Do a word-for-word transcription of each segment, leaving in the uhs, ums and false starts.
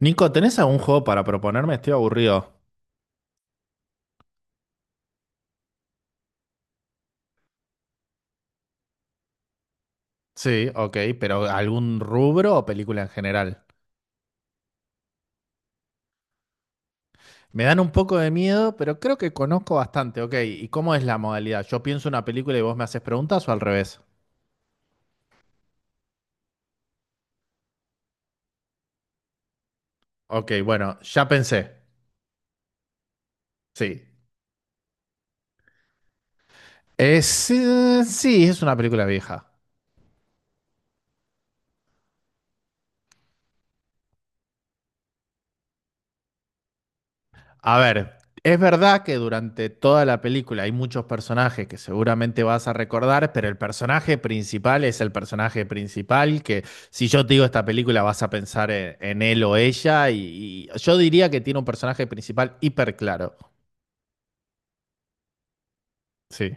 Nico, ¿tenés algún juego para proponerme? Estoy aburrido. Sí, ok, pero ¿algún rubro o película en general? Me dan un poco de miedo, pero creo que conozco bastante, ok. ¿Y cómo es la modalidad? ¿Yo pienso una película y vos me haces preguntas o al revés? Ok, bueno, ya pensé. Sí. Es, eh, sí, es una película vieja. A ver, es verdad que durante toda la película hay muchos personajes que seguramente vas a recordar, pero el personaje principal es el personaje principal, que si yo te digo esta película vas a pensar en, en él o ella, y, y yo diría que tiene un personaje principal hiper claro. Sí.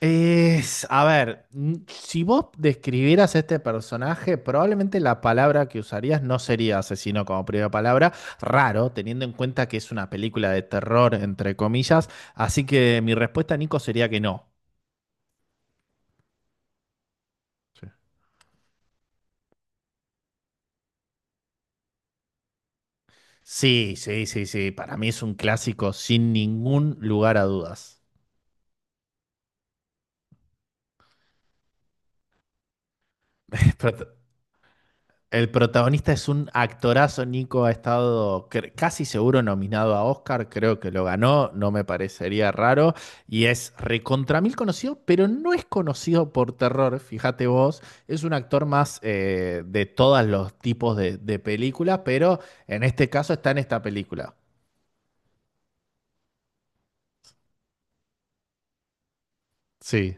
Es, a ver, mm, si vos describieras este personaje, probablemente la palabra que usarías no sería asesino como primera palabra. Raro, teniendo en cuenta que es una película de terror, entre comillas. Así que mi respuesta, Nico, sería que no. Sí. Sí, sí, sí, sí. Para mí es un clásico sin ningún lugar a dudas. Prota- El protagonista es un actorazo, Nico ha estado cre- casi seguro nominado a Oscar, creo que lo ganó, no me parecería raro, y es recontra mil conocido, pero no es conocido por terror, fíjate vos, es un actor más eh, de todos los tipos de, de películas, pero en este caso está en esta película. Sí.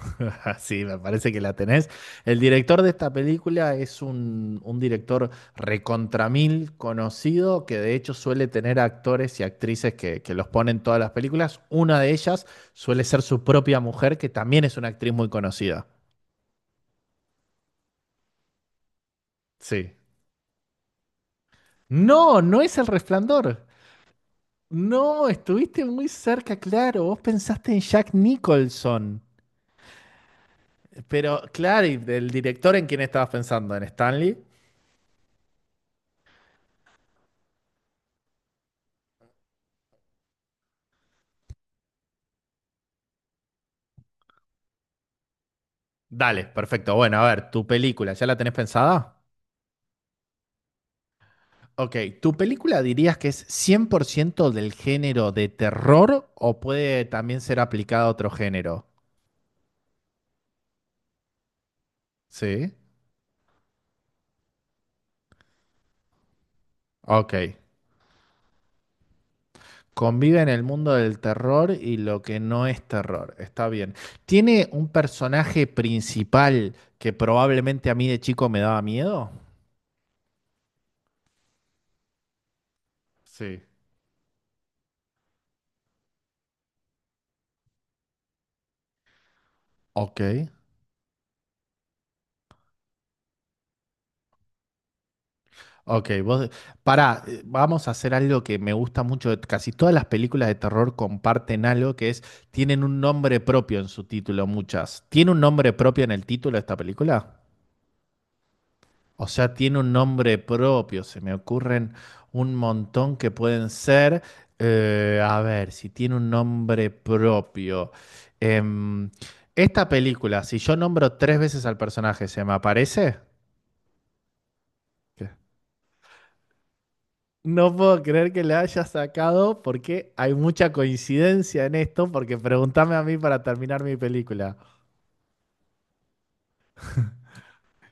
Sí, me parece que la tenés. El director de esta película es un, un director recontramil conocido que de hecho suele tener actores y actrices que, que los ponen en todas las películas. Una de ellas suele ser su propia mujer, que también es una actriz muy conocida. Sí. No, no es El Resplandor. No, estuviste muy cerca, claro. Vos pensaste en Jack Nicholson. Pero, claro, ¿y del director en quién estabas pensando? ¿En Stanley? Dale, perfecto. Bueno, a ver, tu película, ¿ya la tenés pensada? Ok, ¿tu película dirías que es cien por ciento del género de terror o puede también ser aplicada a otro género? Sí. Ok. Convive en el mundo del terror y lo que no es terror. Está bien. ¿Tiene un personaje principal que probablemente a mí de chico me daba miedo? Sí. Ok. Ok, vos, pará, eh, vamos a hacer algo que me gusta mucho. de- Casi todas las películas de terror comparten algo que es, tienen un nombre propio en su título, muchas. ¿Tiene un nombre propio en el título de esta película? O sea, tiene un nombre propio. Se me ocurren un montón que pueden ser. Eh, a ver, si tiene un nombre propio. Em, Esta película, si yo nombro tres veces al personaje, ¿se me aparece? No puedo creer que le haya sacado porque hay mucha coincidencia en esto, porque pregúntame a mí para terminar mi película.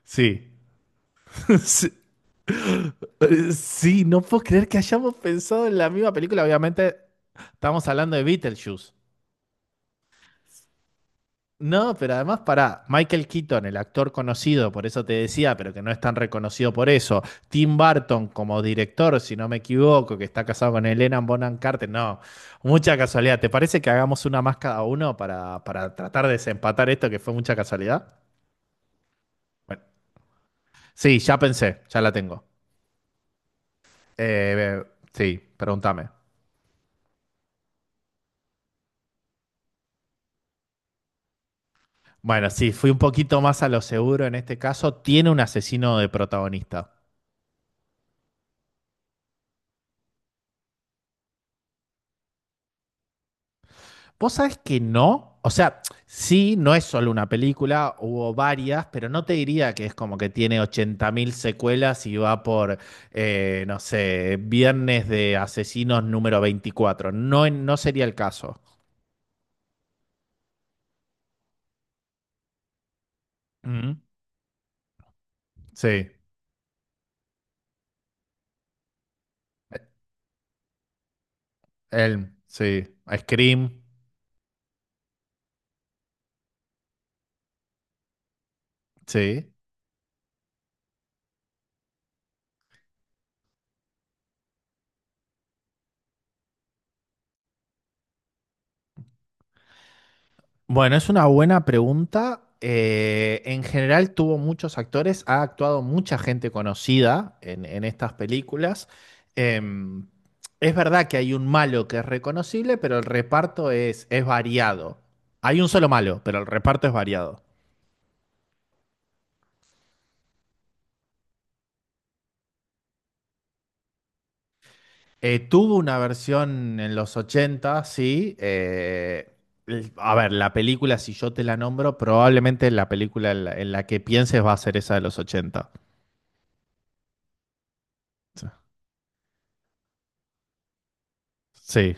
Sí. Sí, eh, sí, no puedo creer que hayamos pensado en la misma película. Obviamente estamos hablando de Beetlejuice. No, pero además para Michael Keaton, el actor conocido, por eso te decía, pero que no es tan reconocido por eso. Tim Burton como director, si no me equivoco, que está casado con Helena Bonham Carter. No, mucha casualidad. ¿Te parece que hagamos una más cada uno para, para tratar de desempatar esto que fue mucha casualidad? Bueno, sí, ya pensé, ya la tengo. Eh, sí, pregúntame. Bueno, sí, fui un poquito más a lo seguro en este caso. Tiene un asesino de protagonista. Vos sabés que no. O sea, sí, no es solo una película, hubo varias, pero no te diría que es como que tiene ochenta mil secuelas y va por, eh, no sé, Viernes de Asesinos número veinticuatro. No, no sería el caso. Ujú. Sí. Elm, sí. Scream, sí. Bueno, es una buena pregunta. Eh, en general tuvo muchos actores, ha actuado mucha gente conocida en, en estas películas. Em, es verdad que hay un malo que es reconocible, pero el reparto es, es variado. Hay un solo malo, pero el reparto es variado. Eh, tuvo una versión en los ochenta, sí. Eh, el- a ver, la película, si yo te la nombro, probablemente la película en la, en la que pienses va a ser esa de los ochenta. Sí.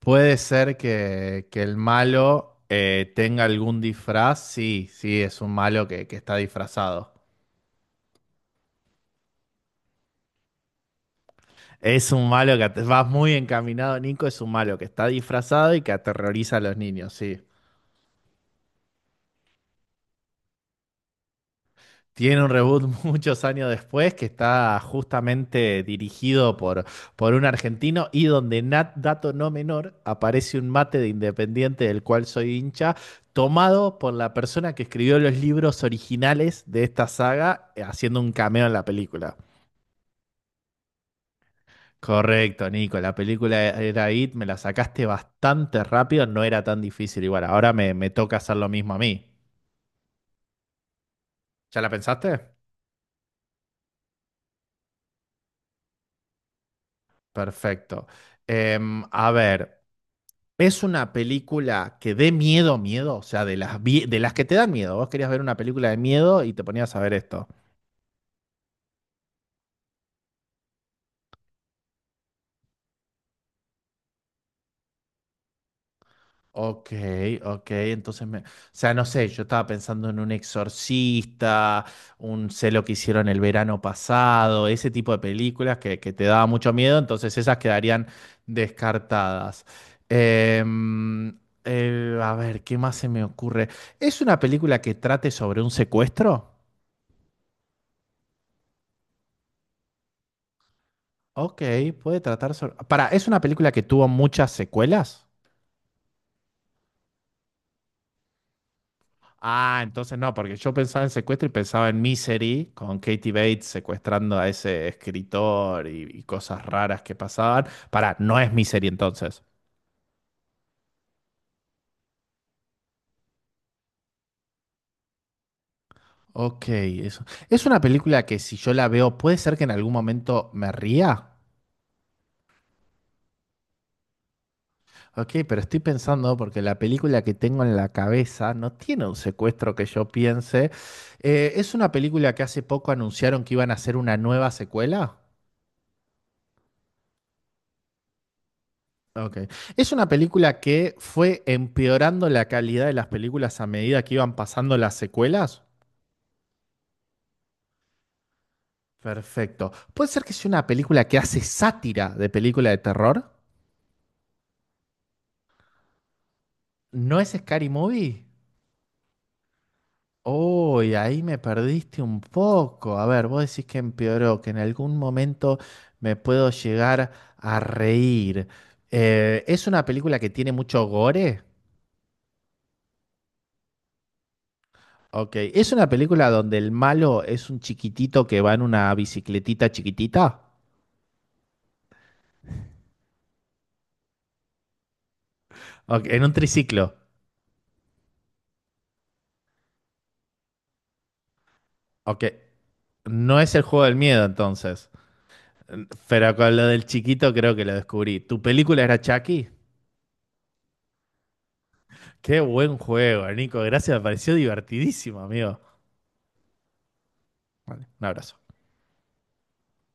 Puede ser que, que el malo eh, tenga algún disfraz. Sí, sí, es un malo que, que está disfrazado. Es un malo que at- vas muy encaminado, Nico. Es un malo que está disfrazado y que aterroriza a los niños, sí. Tiene un reboot muchos años después que está justamente dirigido por, por un argentino y donde, nat- dato no menor, aparece un mate de Independiente del cual soy hincha, tomado por la persona que escribió los libros originales de esta saga, eh, haciendo un cameo en la película. Correcto, Nico, la película era It, me la sacaste bastante rápido, no era tan difícil. Igual, ahora me, me toca hacer lo mismo a mí. ¿Ya la pensaste? Perfecto. Em, a ver. Es una película que dé miedo, miedo, o sea, de las, vie- de las que te dan miedo. Vos querías ver una película de miedo y te ponías a ver esto. Ok, ok, entonces me... O sea, no sé, yo estaba pensando en un exorcista, un sé lo que hicieron el verano pasado, ese tipo de películas que, que te daba mucho miedo, entonces esas quedarían descartadas. Em, eh, a ver, ¿qué más se me ocurre? ¿Es una película que trate sobre un secuestro? Ok, puede tratar sobre... Para, ¿es una película que tuvo muchas secuelas? Ah, entonces no, porque yo pensaba en secuestro y pensaba en Misery, con Katie Bates secuestrando a ese escritor y, y cosas raras que pasaban. Para, no es Misery entonces. Ok, eso. Es una película que si yo la veo, puede ser que en algún momento me ría. Ok, pero estoy pensando porque la película que tengo en la cabeza no tiene un secuestro que yo piense. Eh, ¿es una película que hace poco anunciaron que iban a hacer una nueva secuela? Ok. Es una película que fue empeorando la calidad de las películas a medida que iban pasando las secuelas. Perfecto. ¿Puede ser que sea una película que hace sátira de película de terror? ¿No es Scary Movie? Uy, ahí me perdiste un poco. A ver, vos decís que empeoró, que en algún momento me puedo llegar a reír. Eh, ¿es una película que tiene mucho gore? Ok, ¿es una película donde el malo es un chiquitito que va en una bicicletita chiquitita? Ok, en un triciclo. Ok, no es el juego del miedo entonces. Pero con lo del chiquito creo que lo descubrí. ¿Tu película era Chucky? Qué buen juego, Nico. Gracias, me pareció divertidísimo, amigo. Vale, un abrazo.